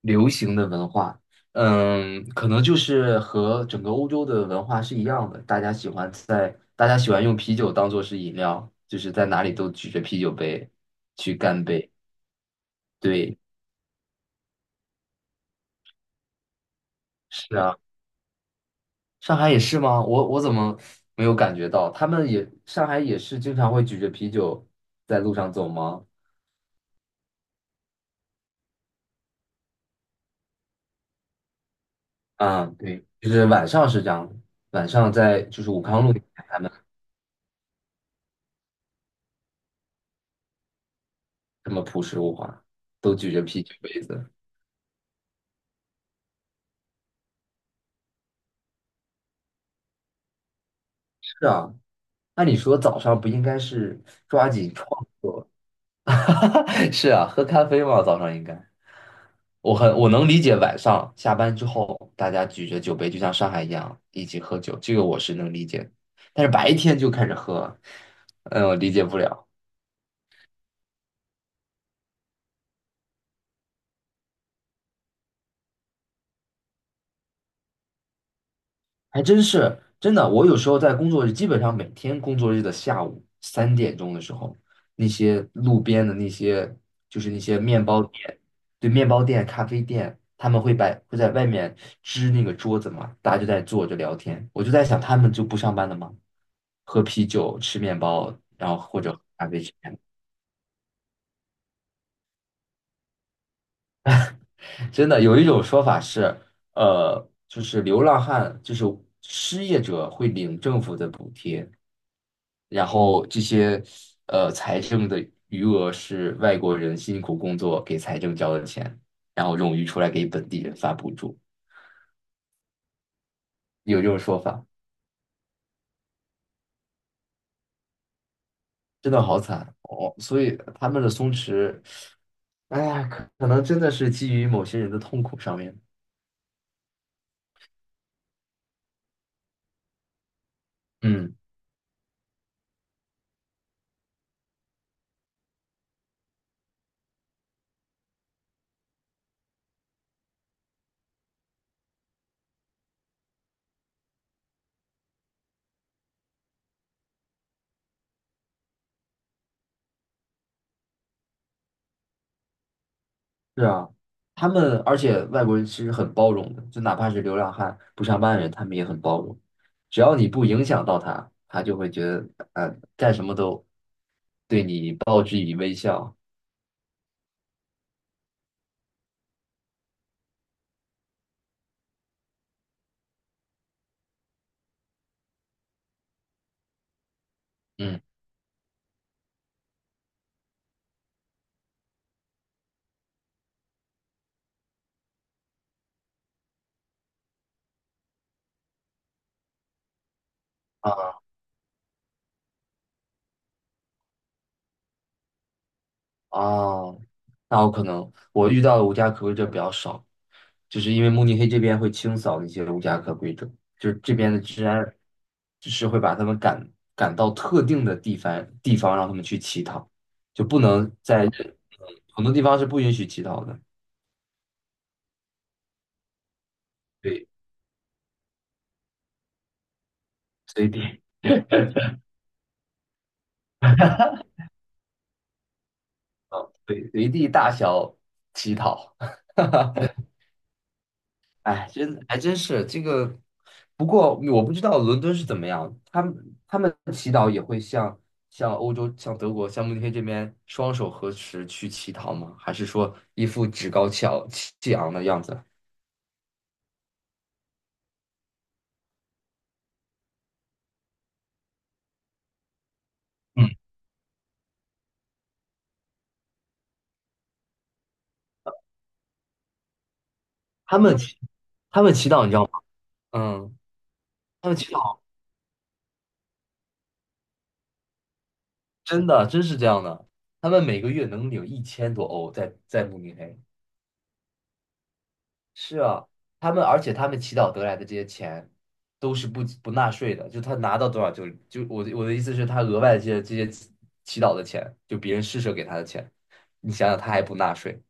流行的文化。可能就是和整个欧洲的文化是一样的，大家喜欢用啤酒当做是饮料，就是在哪里都举着啤酒杯去干杯。对。是啊，上海也是吗？我怎么没有感觉到？他们也上海也是经常会举着啤酒在路上走吗？啊，对，就是晚上是这样的，晚上在就是武康路那边他们这么朴实无华，都举着啤酒杯子。是啊，按理说早上不应该是抓紧创？是啊，喝咖啡嘛，早上应该。我能理解晚上下班之后大家举着酒杯，就像上海一样一起喝酒，这个我是能理解的。但是白天就开始喝，嗯，我理解不了。还真是真的。我有时候在工作日，基本上每天工作日的下午3点钟的时候，那些路边的那些就是那些面包店，对面包店、咖啡店，他们会在外面支那个桌子嘛，大家就在坐着聊天。我就在想，他们就不上班了吗？喝啤酒、吃面包，然后或者喝咖啡之类的。真的有一种说法是，就是流浪汉，就是失业者会领政府的补贴。然后这些财政的余额是外国人辛苦工作给财政交的钱，然后冗余出来给本地人发补助，有这种说法，真的好惨哦。所以他们的松弛，哎呀，可能真的是基于某些人的痛苦上面。嗯，是啊，而且外国人其实很包容的，就哪怕是流浪汉、不上班的人，他们也很包容。只要你不影响到他，他就会觉得，干什么都对你报之以微笑。嗯。啊。哦。那我可能我遇到的无家可归者比较少，就是因为慕尼黑这边会清扫那些无家可归者，就是这边的治安，就是会把他们赶到特定的地方让他们去乞讨，就不能在很多地方是不允许乞讨的。对。随地。对，随地大小乞讨。哎，真还真是这个，不过我不知道伦敦是怎么样，他们祈祷也会像欧洲、像德国、像慕尼黑这边双手合十去乞讨吗？还是说一副趾高气昂的样子？嗯，他们祈他们祈祷你知道吗？嗯，他们祈祷。真的真是这样的，他们每个月能领1000多欧在慕尼黑。是啊，他们祈祷得来的这些钱都是不纳税的，就他拿到多少就我的意思是，他额外的这些祈祷的钱，就别人施舍给他的钱，你想想他还不纳税。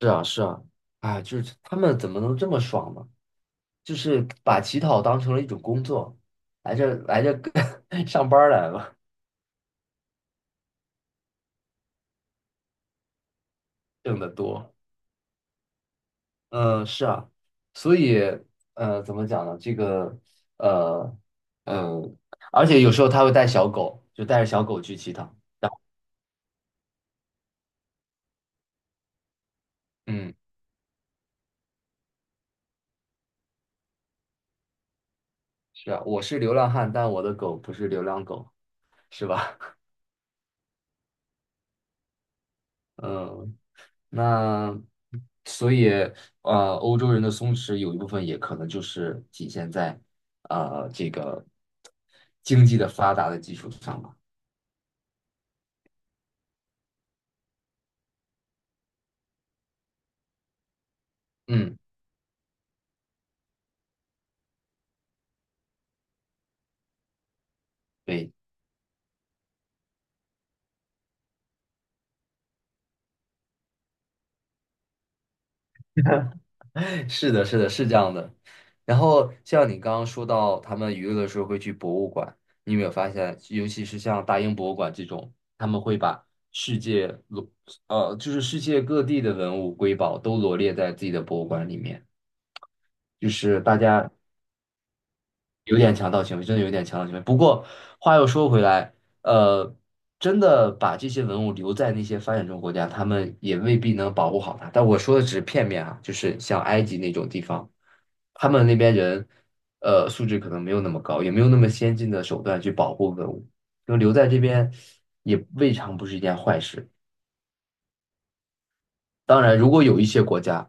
是啊，是啊，啊，就是他们怎么能这么爽呢？就是把乞讨当成了一种工作，来这 上班儿来了。挣得多。嗯，是啊，所以，怎么讲呢？呃，嗯，而且有时候他会带小狗，就带着小狗去乞讨。嗯，是啊，我是流浪汉，但我的狗不是流浪狗，是吧？嗯，那所以，欧洲人的松弛有一部分也可能就是体现在，这个经济的发达的基础上吧。嗯，对。是的，是的，是这样的。然后像你刚刚说到，他们娱乐的时候会去博物馆，你有没有发现，尤其是像大英博物馆这种，他们会把世界罗，呃，就是世界各地的文物瑰宝都罗列在自己的博物馆里面，就是大家有点强盗行为，真的有点强盗行为。不过话又说回来，呃，真的把这些文物留在那些发展中国家，他们也未必能保护好它。但我说的只是片面啊，就是像埃及那种地方，他们那边人，素质可能没有那么高，也没有那么先进的手段去保护文物，就留在这边也未尝不是一件坏事。当然，如果有一些国家，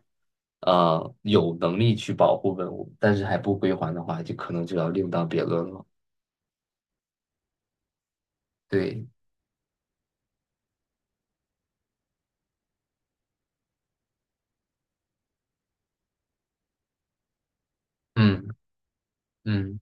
有能力去保护文物，但是还不归还的话，就可能就要另当别论了。对。嗯。嗯，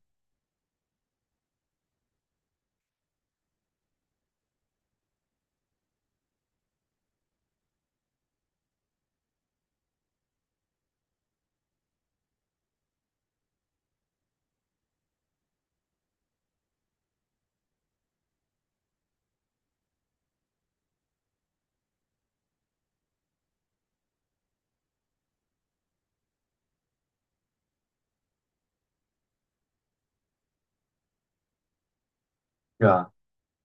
是啊，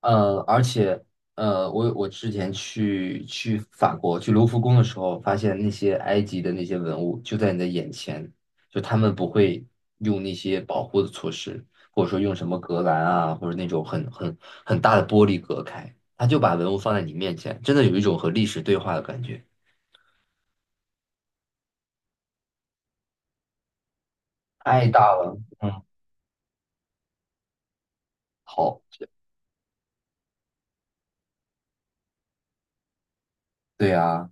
而且，我之前去法国去卢浮宫的时候，发现那些埃及的那些文物就在你的眼前，就他们不会用那些保护的措施，或者说用什么隔栏啊，或者那种很大的玻璃隔开，他就把文物放在你面前，真的有一种和历史对话的感觉。太大了。嗯。好。对呀。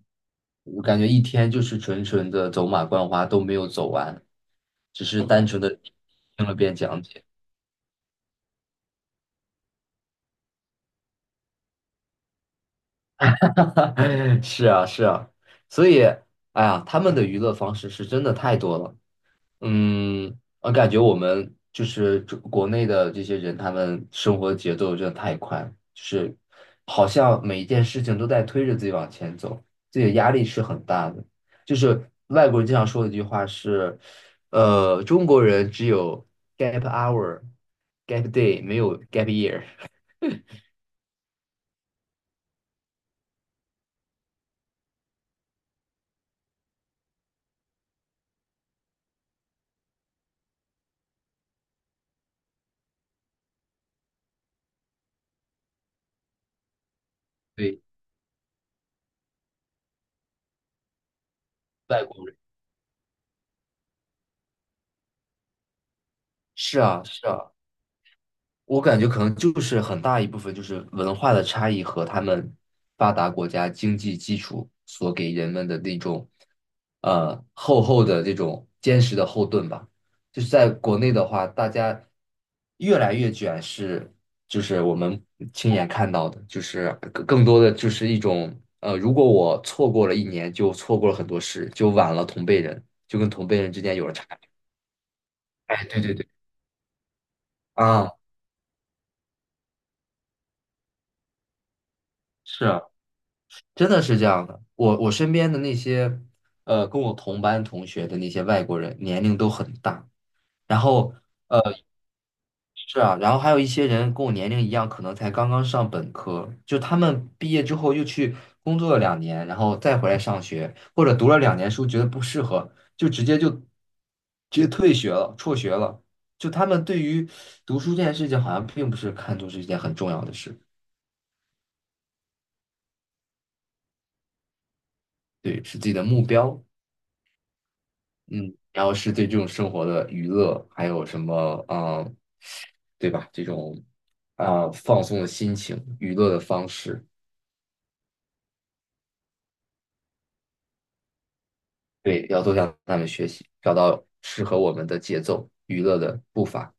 我感觉一天就是纯纯的走马观花都没有走完，只是单纯的听了遍讲解。是啊，是啊，所以，哎呀，他们的娱乐方式是真的太多了。嗯，我感觉我们就是中国内的这些人，他们生活节奏真的太快了，就是好像每一件事情都在推着自己往前走，自己的压力是很大的。就是外国人经常说的一句话是，中国人只有 gap hour、gap day,没有 gap year。对，外国人。是啊，是啊。我感觉可能就是很大一部分就是文化的差异和他们发达国家经济基础所给人们的那种厚厚的这种坚实的后盾吧。就是在国内的话，大家越来越卷是，就是我们亲眼看到的，就是更多的就是一种，如果我错过了一年，就错过了很多事，就晚了同辈人，就跟同辈人之间有了差距。哎，对对对，啊，是啊，真的是这样的，我身边的那些，跟我同班同学的那些外国人，年龄都很大。然后是啊，然后还有一些人跟我年龄一样，可能才刚刚上本科，就他们毕业之后又去工作了两年，然后再回来上学，或者读了两年书觉得不适合，就直接退学了，辍学了。就他们对于读书这件事情，好像并不是看作是一件很重要的事，对，是自己的目标，嗯，然后是对这种生活的娱乐，还有什么啊、对吧？这种啊、放松的心情、娱乐的方式，对，要多向他们学习，找到适合我们的节奏、娱乐的步伐。对。